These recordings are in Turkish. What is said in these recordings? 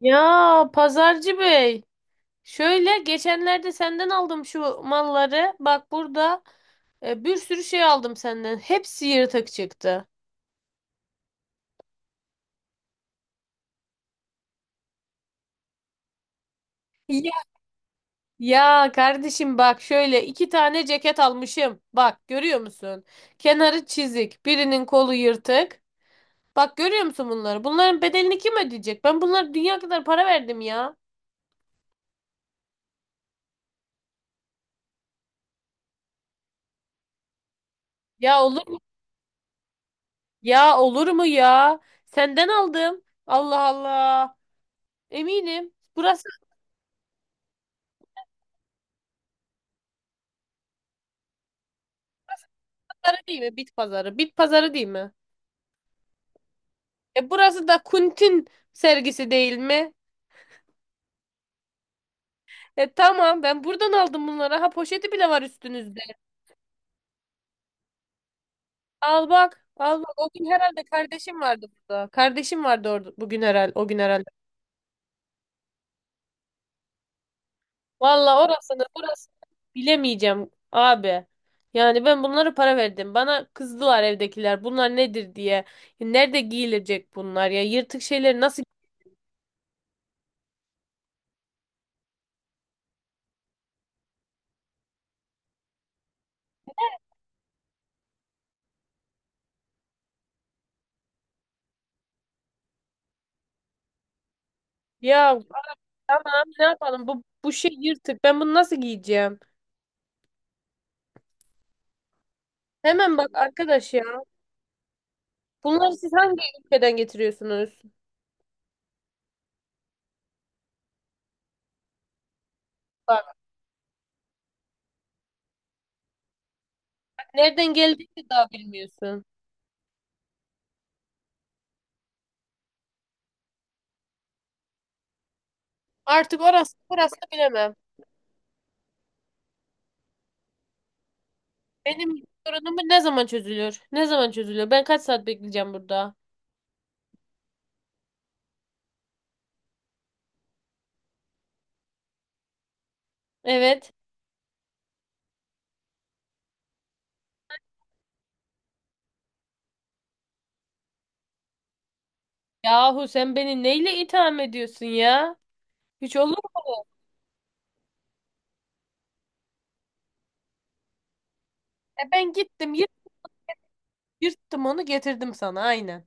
Ya, pazarcı bey. Şöyle geçenlerde senden aldım şu malları. Bak burada bir sürü şey aldım senden. Hepsi yırtık çıktı. Ya Ya kardeşim bak şöyle iki tane ceket almışım. Bak görüyor musun? Kenarı çizik, birinin kolu yırtık. Bak görüyor musun bunları? Bunların bedelini kim ödeyecek? Ben bunlara dünya kadar para verdim ya. Ya olur mu? Ya olur mu ya? Senden aldım. Allah Allah. Eminim. Burası pazarı değil mi? Bit pazarı. Bit pazarı değil mi? E burası da Kuntin sergisi değil mi? E tamam, ben buradan aldım bunları. Ha, poşeti bile var üstünüzde. Al bak. Al bak. O gün herhalde kardeşim vardı burada. Kardeşim vardı orada bugün herhalde. O gün herhalde. Valla orasını burasını bilemeyeceğim abi. Yani ben bunlara para verdim. Bana kızdılar evdekiler. Bunlar nedir diye. Nerede giyilecek bunlar ya? Yırtık şeyleri nasıl ya tamam ne yapalım? Bu şey yırtık. Ben bunu nasıl giyeceğim? Hemen bak arkadaş ya. Bunları siz hangi ülkeden getiriyorsunuz? Bak, nereden geldiğini daha bilmiyorsun. Artık orası burası bilemem. Benim sorunum ne zaman çözülür? Ne zaman çözülüyor? Ben kaç saat bekleyeceğim burada? Evet. Yahu sen beni neyle itham ediyorsun ya? Hiç olur mu? E ben gittim yırttım onu getirdim sana aynen.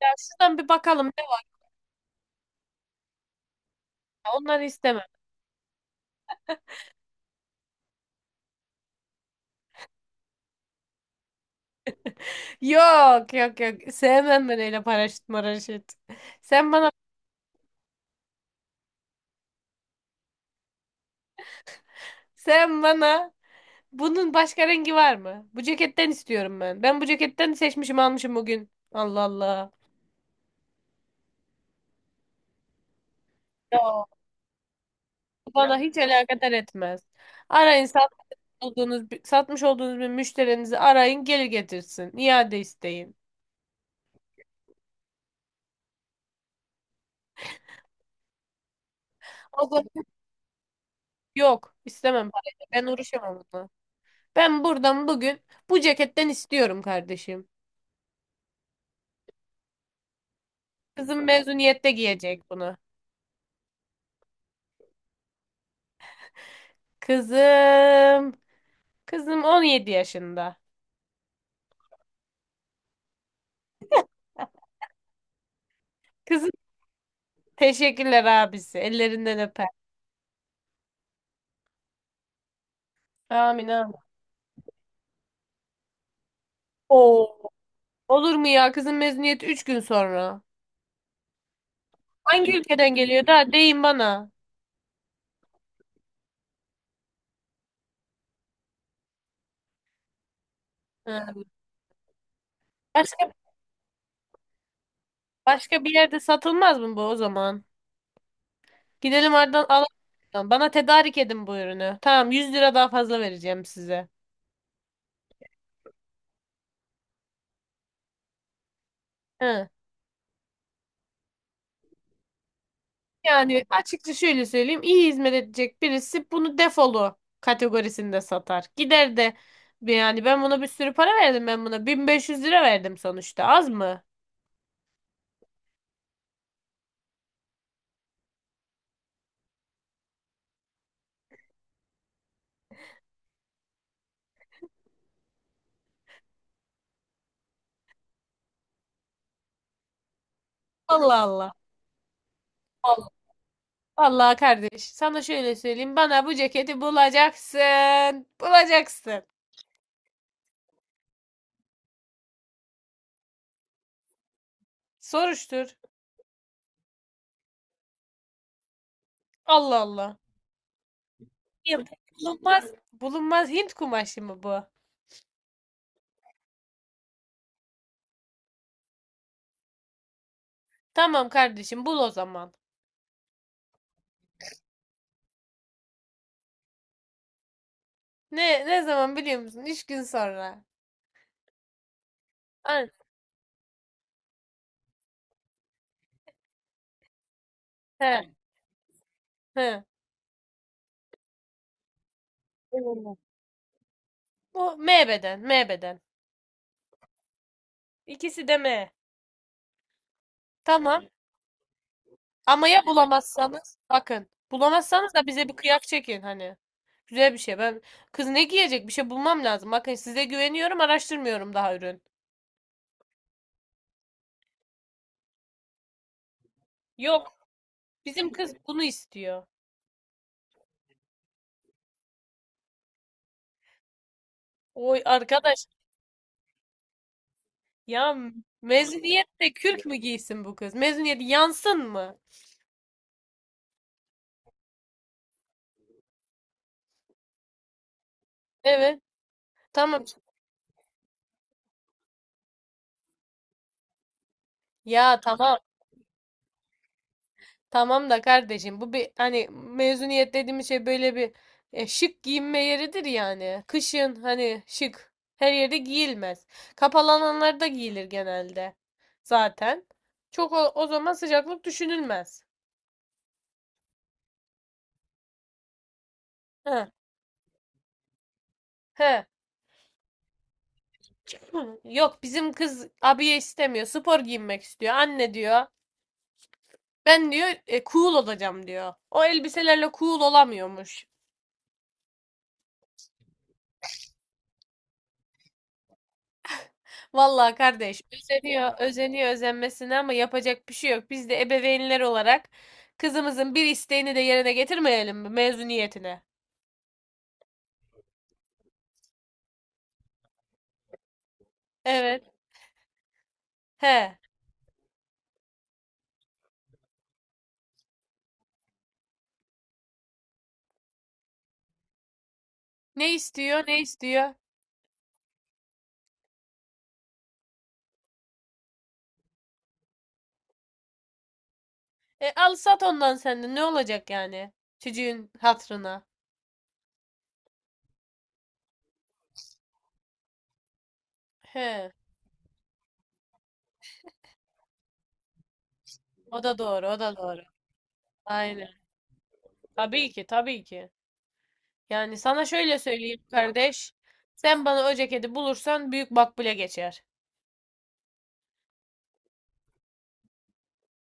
Ya şuradan bir bakalım ne var? Onları istemem. Yok yok yok. Sevmem ben öyle paraşüt maraşüt. Sen bana sen bana Bunun başka rengi var mı? Bu ceketten istiyorum ben. Ben bu ceketten seçmişim almışım bugün. Allah Allah. Yok. Bu Bana hiç alakadar etmez. Arayın satmış olduğunuz bir müşterinizi arayın geri getirsin. İade isteyin. O da yok, istemem parayı. Ben uğraşamam onunla. Ben buradan bugün bu ceketten istiyorum kardeşim. Kızım mezuniyette giyecek bunu. Kızım. Kızım 17 yaşında. Kızım, teşekkürler abisi. Ellerinden öper. Amin amin. Oo. Olur mu ya? Kızın mezuniyeti 3 gün sonra. Hangi ülkeden geliyor da deyin bana. Ha, başka başka bir yerde satılmaz mı bu o zaman? Gidelim oradan alalım. Bana tedarik edin bu ürünü. Tamam, 100 lira daha fazla vereceğim size. Hı. Yani açıkça şöyle söyleyeyim. İyi hizmet edecek birisi bunu defolu kategorisinde satar. Gider de yani ben buna bir sürü para verdim ben buna. 1500 lira verdim sonuçta. Az mı? Allah Allah. Vallahi kardeş, sana şöyle söyleyeyim. Bana bu ceketi bulacaksın. Bulacaksın. Soruştur. Allah Allah. Ya bulunmaz. Bulunmaz Hint kumaşı mı bu? Tamam kardeşim, bul o zaman. Ne zaman biliyor musun? Üç gün sonra. An, he he. Bu M beden, M beden. İkisi de M. Tamam. Ama ya bulamazsanız? Bakın. Bulamazsanız da bize bir kıyak çekin hani. Güzel bir şey. Ben kız ne giyecek? Bir şey bulmam lazım. Bakın size güveniyorum, araştırmıyorum daha ürün. Yok, bizim kız bunu istiyor. Oy arkadaş ya, mezuniyette kürk mü giysin bu kız? Mezuniyet yansın mı? Evet. Tamam. Ya tamam. Tamam da kardeşim bu bir hani mezuniyet dediğimiz şey böyle bir şık giyinme yeridir yani. Kışın hani şık her yerde giyilmez. Kapalananlarda giyilir genelde zaten. Çok o zaman sıcaklık düşünülmez. He. He. Hı, yok bizim kız abiye istemiyor. Spor giyinmek istiyor. Anne diyor. Ben diyor cool olacağım diyor. O elbiselerle cool olamıyormuş. Vallahi kardeş özeniyor, özeniyor özenmesine ama yapacak bir şey yok. Biz de ebeveynler olarak kızımızın bir isteğini de yerine getirmeyelim mi mezuniyetine? Evet. He. Ne istiyor, ne istiyor? E, al sat ondan sen de ne olacak yani? Çocuğun hatırına. He. O da doğru, o da doğru. Aynen. Tabii ki, tabii ki. Yani sana şöyle söyleyeyim kardeş. Sen bana o ceketi bulursan büyük makbule geçer.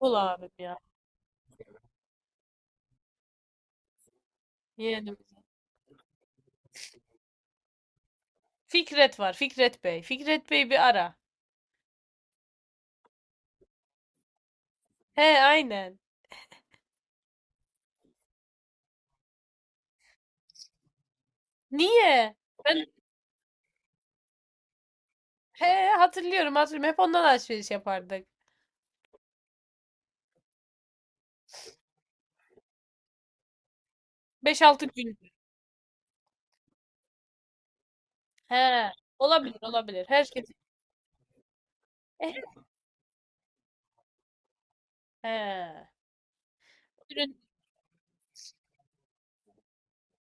Bul abim ya. Yeğenim Fikret var. Fikret Bey. Fikret Bey bir ara. He aynen. Niye? Ben he hatırlıyorum hatırlıyorum. Hep ondan alışveriş yapardık. Beş altı gün. He. Olabilir olabilir. Herkes. Eh, he. Ürün-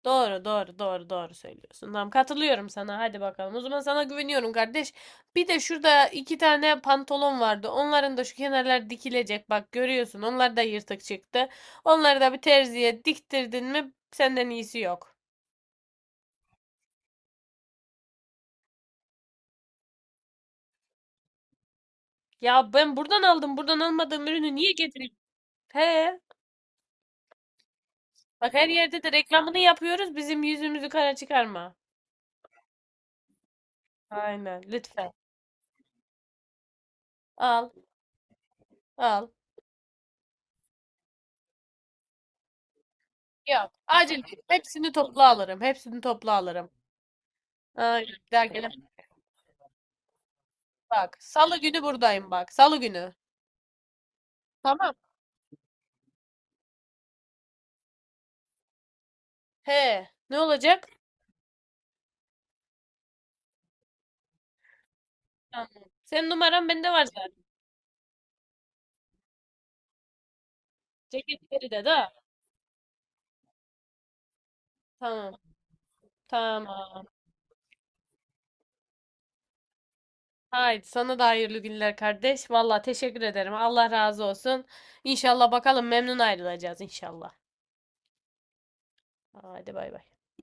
Doğru doğru doğru doğru söylüyorsun. Tamam, katılıyorum sana. Hadi bakalım. O zaman sana güveniyorum kardeş. Bir de şurada iki tane pantolon vardı. Onların da şu kenarlar dikilecek. Bak görüyorsun. Onlar da yırtık çıktı. Onları da bir terziye diktirdin mi senden iyisi yok. Ya ben buradan aldım. Buradan almadığım ürünü niye getireyim? He. Bak her yerde de reklamını yapıyoruz. Bizim yüzümüzü kara çıkarma. Aynen. Lütfen. Al. Al. Yok. Acil değil. Hepsini topla alırım. Hepsini topla alırım. Aynen. Derken bak. Salı günü buradayım bak. Salı günü. Tamam. He. Ne olacak? Tamam. Senin numaran bende var zaten. Ceketleri de da. Tamam. Tamam. Haydi sana da hayırlı günler kardeş. Valla teşekkür ederim. Allah razı olsun. İnşallah bakalım memnun ayrılacağız inşallah. Haydi bay bay.